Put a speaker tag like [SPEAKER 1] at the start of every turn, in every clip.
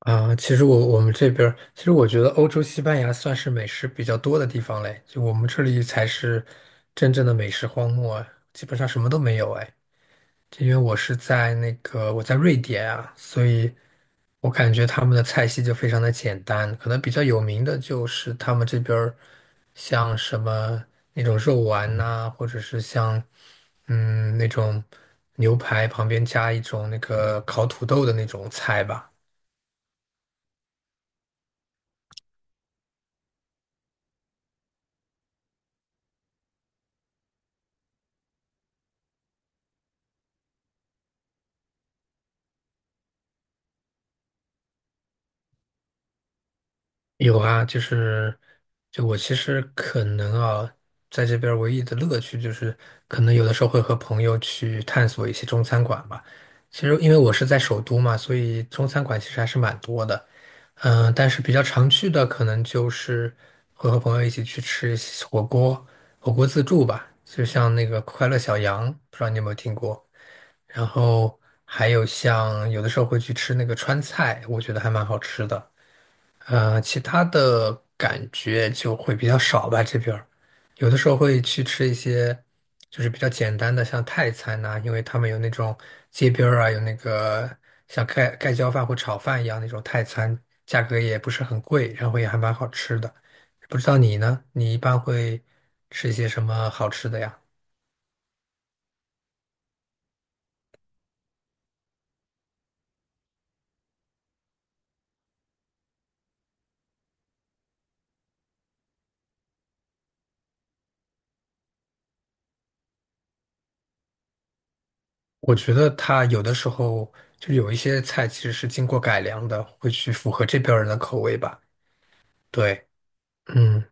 [SPEAKER 1] 啊，其实我们这边儿，其实我觉得欧洲西班牙算是美食比较多的地方嘞，就我们这里才是真正的美食荒漠啊，基本上什么都没有哎。这因为我是在那个我在瑞典啊，所以我感觉他们的菜系就非常的简单，可能比较有名的就是他们这边儿像什么那种肉丸呐、或者是像那种牛排旁边加一种那个烤土豆的那种菜吧。有啊，就是，就我其实可能啊，在这边儿唯一的乐趣就是，可能有的时候会和朋友去探索一些中餐馆吧。其实因为我是在首都嘛，所以中餐馆其实还是蛮多的。但是比较常去的可能就是会和朋友一起去吃一些火锅，火锅自助吧，就像那个快乐小羊，不知道你有没有听过。然后还有像有的时候会去吃那个川菜，我觉得还蛮好吃的。其他的感觉就会比较少吧，这边儿有的时候会去吃一些就是比较简单的，像泰餐呐、因为他们有那种街边儿啊，有那个像盖盖浇饭或炒饭一样那种泰餐，价格也不是很贵，然后也还蛮好吃的。不知道你呢？你一般会吃一些什么好吃的呀？我觉得它有的时候就有一些菜其实是经过改良的，会去符合这边儿人的口味吧。对，嗯。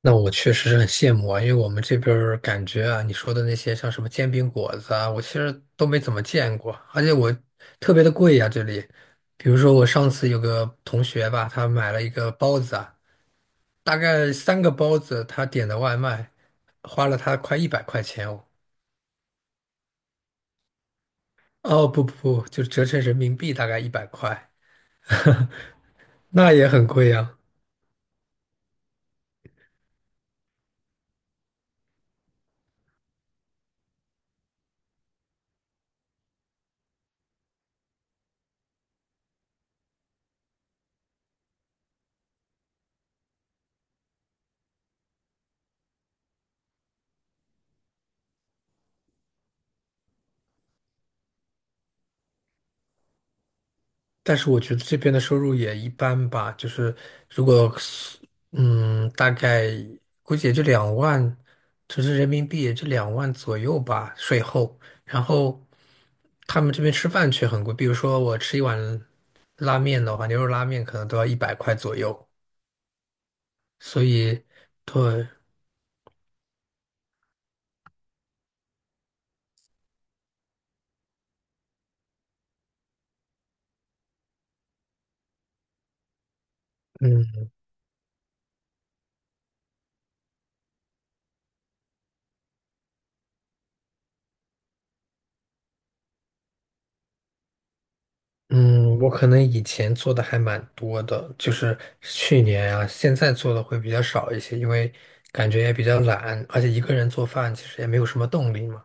[SPEAKER 1] 那我确实是很羡慕啊，因为我们这边儿感觉啊，你说的那些像什么煎饼果子啊，我其实都没怎么见过，而且我特别的贵呀、这里。比如说我上次有个同学吧，他买了一个包子啊，大概三个包子，他点的外卖，花了他快100块钱哦。哦，不不不，就折成人民币大概一百块，那也很贵呀、但是我觉得这边的收入也一般吧，就是如果是大概估计也就两万，就是人民币也就两万左右吧，税后。然后他们这边吃饭却很贵，比如说我吃一碗拉面的话，牛肉拉面可能都要一百块左右。所以，对，嗯。嗯，我可能以前做的还蛮多的，就是去年啊，现在做的会比较少一些，因为感觉也比较懒，而且一个人做饭其实也没有什么动力嘛。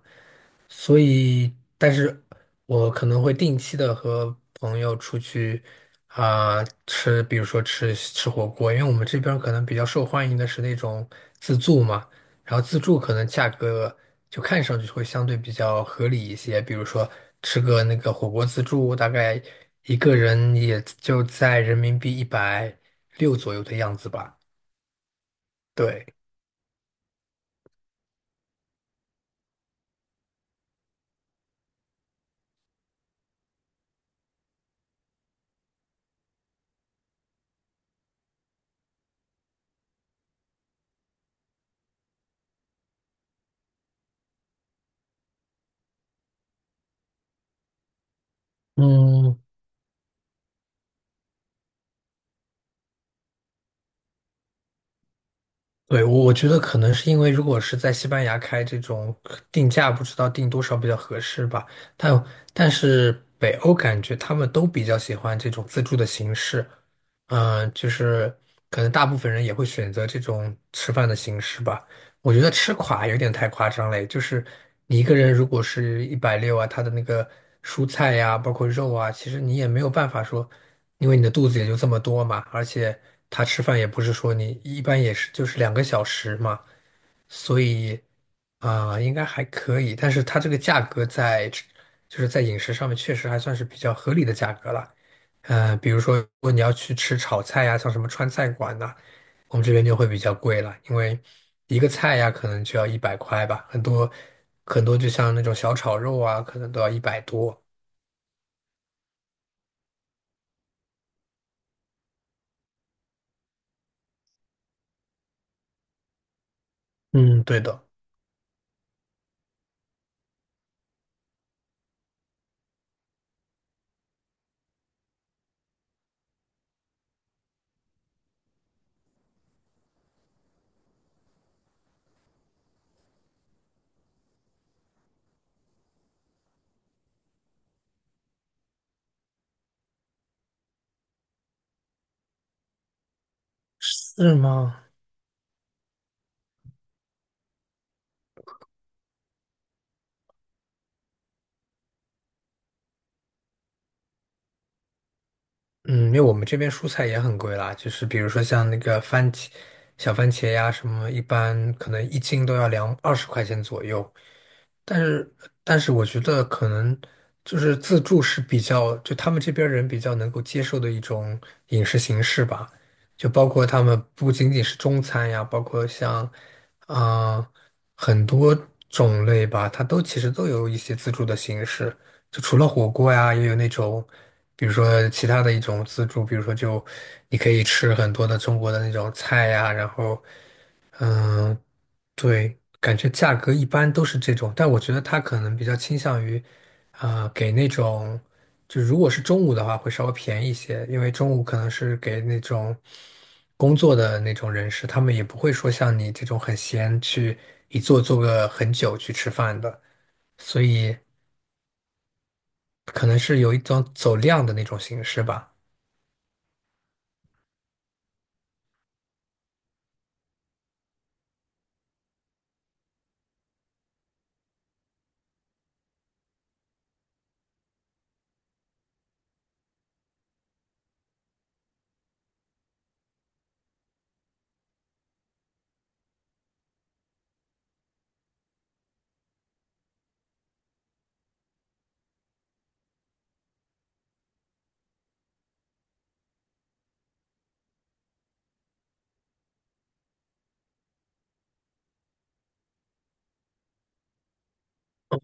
[SPEAKER 1] 所以，但是我可能会定期的和朋友出去啊、吃，比如说吃吃火锅，因为我们这边儿可能比较受欢迎的是那种自助嘛，然后自助可能价格就看上去会相对比较合理一些，比如说吃个那个火锅自助，大概一个人也就在人民币一百六左右的样子吧，对。嗯，对，我觉得可能是因为，如果是在西班牙开这种定价，不知道定多少比较合适吧。但但是北欧感觉他们都比较喜欢这种自助的形式，就是可能大部分人也会选择这种吃饭的形式吧。我觉得吃垮有点太夸张了，就是你一个人如果是一百六啊，他的那个蔬菜呀、包括肉啊，其实你也没有办法说，因为你的肚子也就这么多嘛，而且他吃饭也不是说你一般也是就是2个小时嘛，所以啊、应该还可以，但是它这个价格在就是在饮食上面确实还算是比较合理的价格了。嗯，比如说如果你要去吃炒菜呀、像什么川菜馆呐、我们这边就会比较贵了，因为一个菜呀、可能就要一百块吧，很多很多就像那种小炒肉啊，可能都要100多。嗯，对的，是吗？嗯，因为我们这边蔬菜也很贵啦，就是比如说像那个番茄、小番茄呀什么，一般可能一斤都要两二十块钱左右。但是，但是我觉得可能就是自助是比较，就他们这边儿人比较能够接受的一种饮食形式吧。就包括他们不仅仅是中餐呀，包括像啊、呃很多种类吧，它都其实都有一些自助的形式。就除了火锅呀，也有那种，比如说其他的一种自助，比如说就你可以吃很多的中国的那种菜呀，然后。嗯，对，感觉价格一般都是这种，但我觉得他可能比较倾向于，给那种，就如果是中午的话，会稍微便宜一些，因为中午可能是给那种工作的那种人士，他们也不会说像你这种很闲去一坐坐个很久去吃饭的，所以可能是有一种走量的那种形式吧。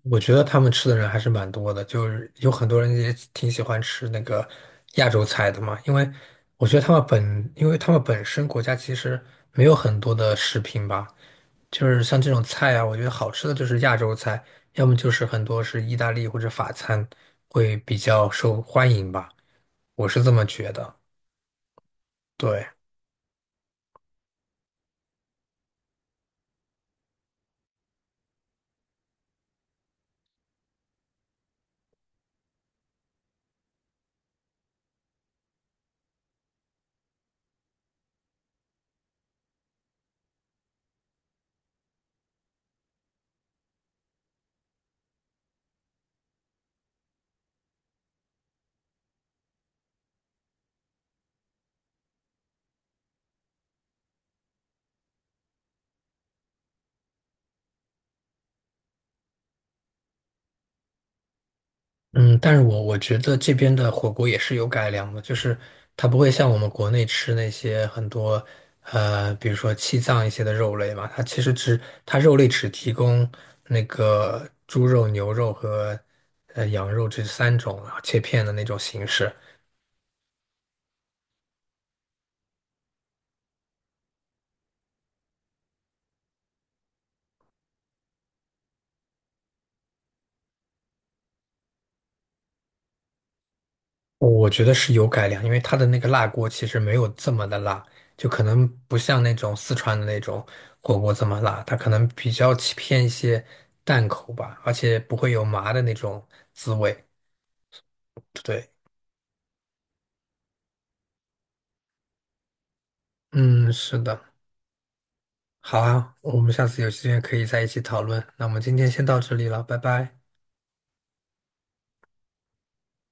[SPEAKER 1] 我觉得他们吃的人还是蛮多的，就是有很多人也挺喜欢吃那个亚洲菜的嘛，因为我觉得他们本，因为他们本身国家其实没有很多的食品吧，就是像这种菜啊，我觉得好吃的就是亚洲菜，要么就是很多是意大利或者法餐会比较受欢迎吧，我是这么觉得。对。嗯，但是我觉得这边的火锅也是有改良的，就是它不会像我们国内吃那些很多，比如说气脏一些的肉类嘛，它肉类只提供那个猪肉、牛肉和羊肉这三种啊切片的那种形式，我觉得是有改良，因为它的那个辣锅其实没有这么的辣，就可能不像那种四川的那种火锅这么辣，它可能比较起偏一些淡口吧，而且不会有麻的那种滋味。对，嗯，是的，好啊，我们下次有时间可以在一起讨论。那我们今天先到这里了，拜拜。